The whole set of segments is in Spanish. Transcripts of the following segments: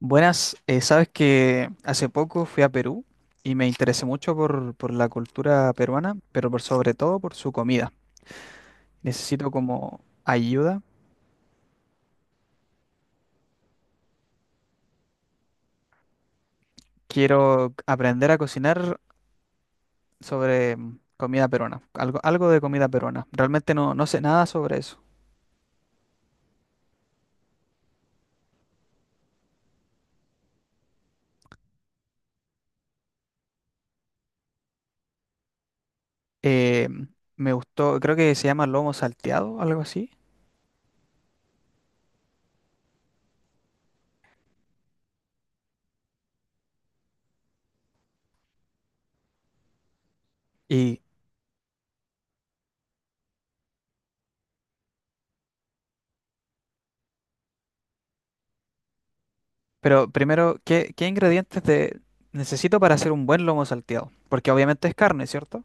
Buenas, sabes que hace poco fui a Perú y me interesé mucho por la cultura peruana, pero por sobre todo por su comida. Necesito como ayuda. Quiero aprender a cocinar sobre comida peruana, algo de comida peruana. Realmente no sé nada sobre eso. Eh, Me gustó, creo que se llama lomo salteado, algo así. Y, pero primero, ¿ qué ingredientes necesito para hacer un buen lomo salteado? Porque obviamente es carne, ¿cierto?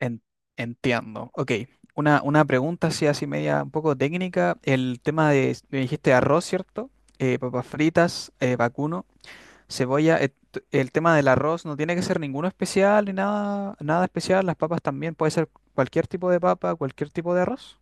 En- entiendo. Ok. Una pregunta así, así media un poco técnica. El tema de, me dijiste arroz, ¿cierto? Papas fritas, vacuno, cebolla. El tema del arroz no tiene que ser ninguno especial ni nada especial. Las papas también puede ser cualquier tipo de papa, cualquier tipo de arroz.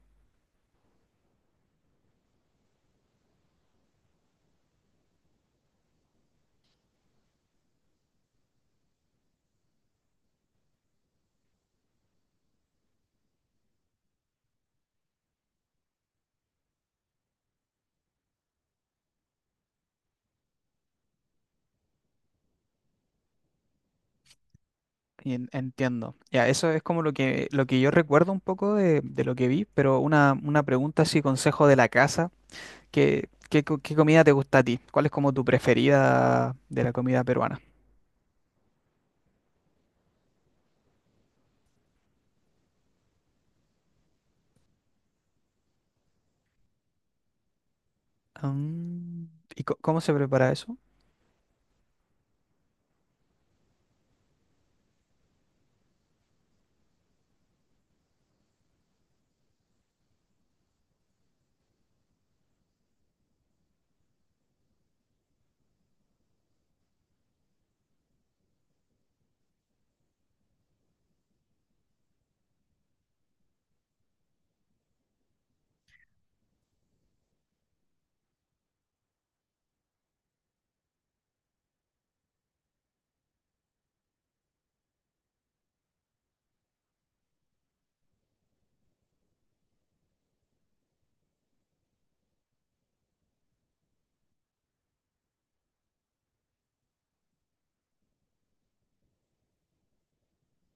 Entiendo. Ya, eso es como lo lo que yo recuerdo un poco de lo que vi, pero una pregunta así, consejo de la casa. ¿ Qué comida te gusta a ti? ¿Cuál es como tu preferida de la comida peruana? Mm, ¿y cómo se prepara eso?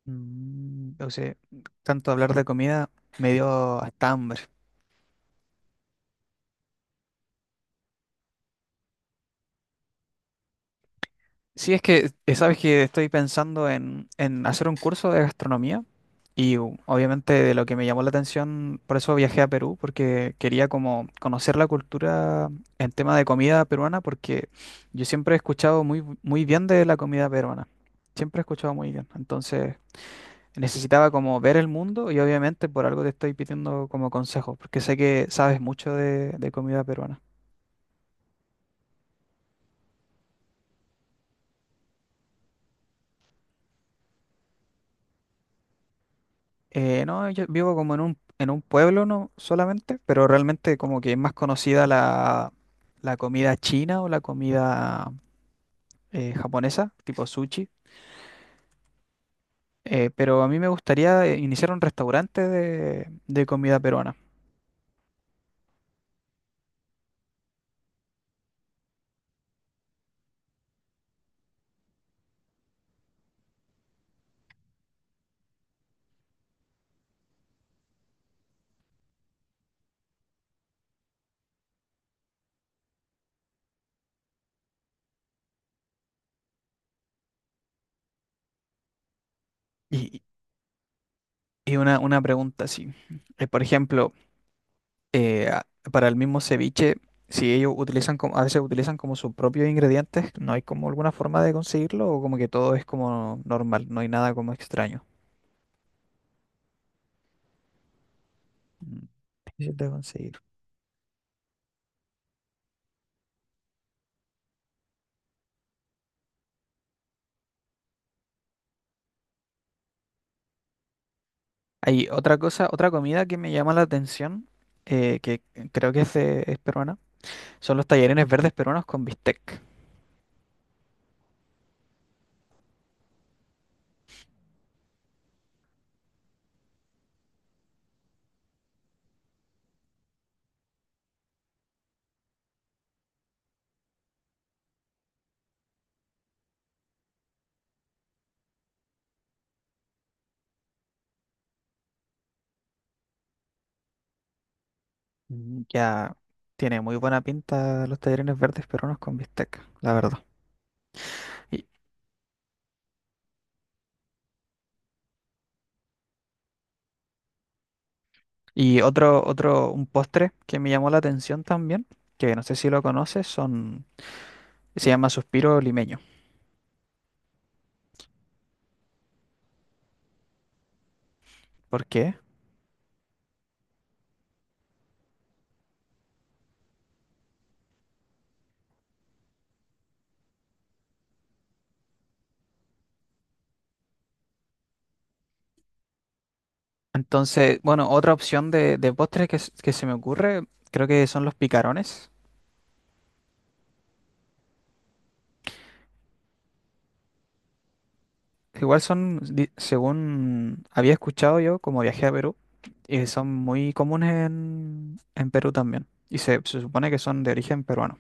Mm, o sea, tanto hablar de comida me dio hasta hambre. Sí, es que sabes que estoy pensando en hacer un curso de gastronomía y obviamente de lo que me llamó la atención, por eso viajé a Perú, porque quería como conocer la cultura en tema de comida peruana, porque yo siempre he escuchado muy bien de la comida peruana. Siempre he escuchado muy bien. Entonces, necesitaba como ver el mundo y obviamente por algo te estoy pidiendo como consejo, porque sé que sabes mucho de comida peruana. No, yo vivo como en en un pueblo no solamente, pero realmente como que es más conocida la comida china o la comida japonesa, tipo sushi. Pero a mí me gustaría iniciar un restaurante de comida peruana. Y, una pregunta así. Por ejemplo, eh, a- para el mismo ceviche, si ellos utilizan como, a veces utilizan como sus propios ingredientes, ¿no hay como alguna forma de conseguirlo o como que todo es como normal, no hay nada como extraño? Mm, difícil de conseguir. Hay otra cosa, otra comida que me llama la atención, que creo que es peruana, son los tallarines verdes peruanos con bistec. Mm, ya tiene muy buena pinta los tallarines verdes peruanos con bistec, la verdad. Y otro, un postre que me llamó la atención también, que no sé si lo conoces, se llama suspiro limeño. ¿Por qué? Entonces, bueno, otra opción de postre que se me ocurre, creo que son los picarones. Igual son, según había escuchado yo, como viajé a Perú, y son muy comunes en Perú también. Y se supone que son de origen peruano.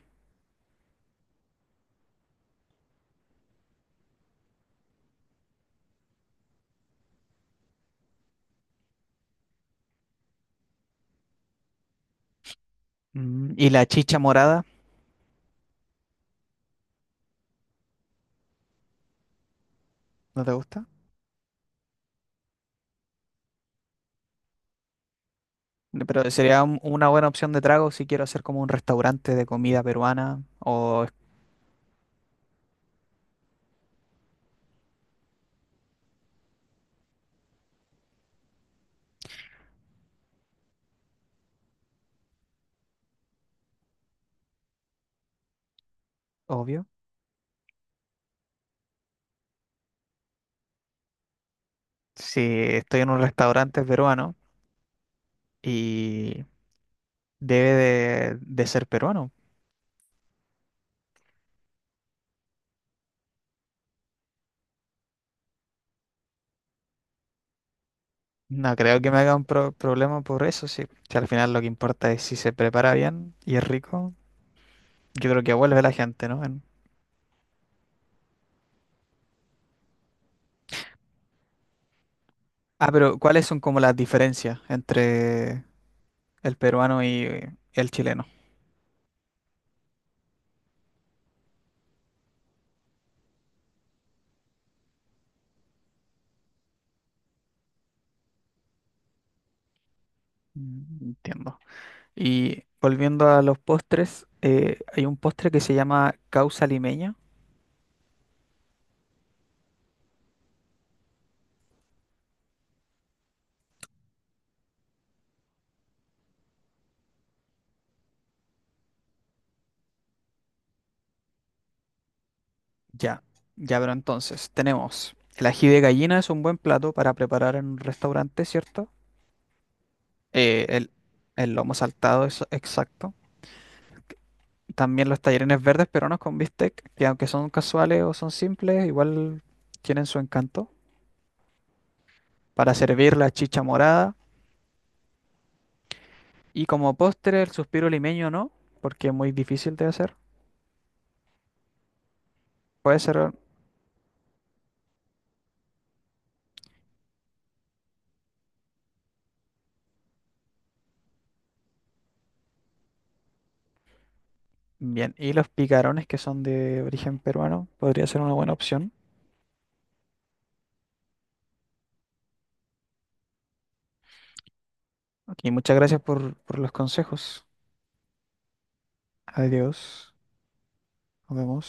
Mm, ¿y la chicha morada? ¿No te gusta? Pero sería una buena opción de trago si quiero hacer como un restaurante de comida peruana, o obvio. Si estoy en un restaurante peruano y debe de ser peruano. No creo que me haga un problema por eso, sí. Si al final lo que importa es si se prepara bien y es rico, yo creo que vuelve la gente, ¿no? En... Ah, pero ¿cuáles son como las diferencias entre el peruano y el chileno? Mm, entiendo. Y volviendo a los postres, hay un postre que se llama causa limeña. Ya, ya, pero entonces tenemos el ají de gallina es un buen plato para preparar en un restaurante, ¿cierto? Eh, el, el lomo saltado es exacto. También los tallarines verdes peruanos con bistec, que aunque son casuales o son simples, igual tienen su encanto. Para servir la chicha morada. Y como postre, el suspiro limeño no, porque es muy difícil de hacer. Puede ser. Bien, y los picarones que son de origen peruano podría ser una buena opción. Ok, muchas gracias por los consejos. Adiós. Nos vemos.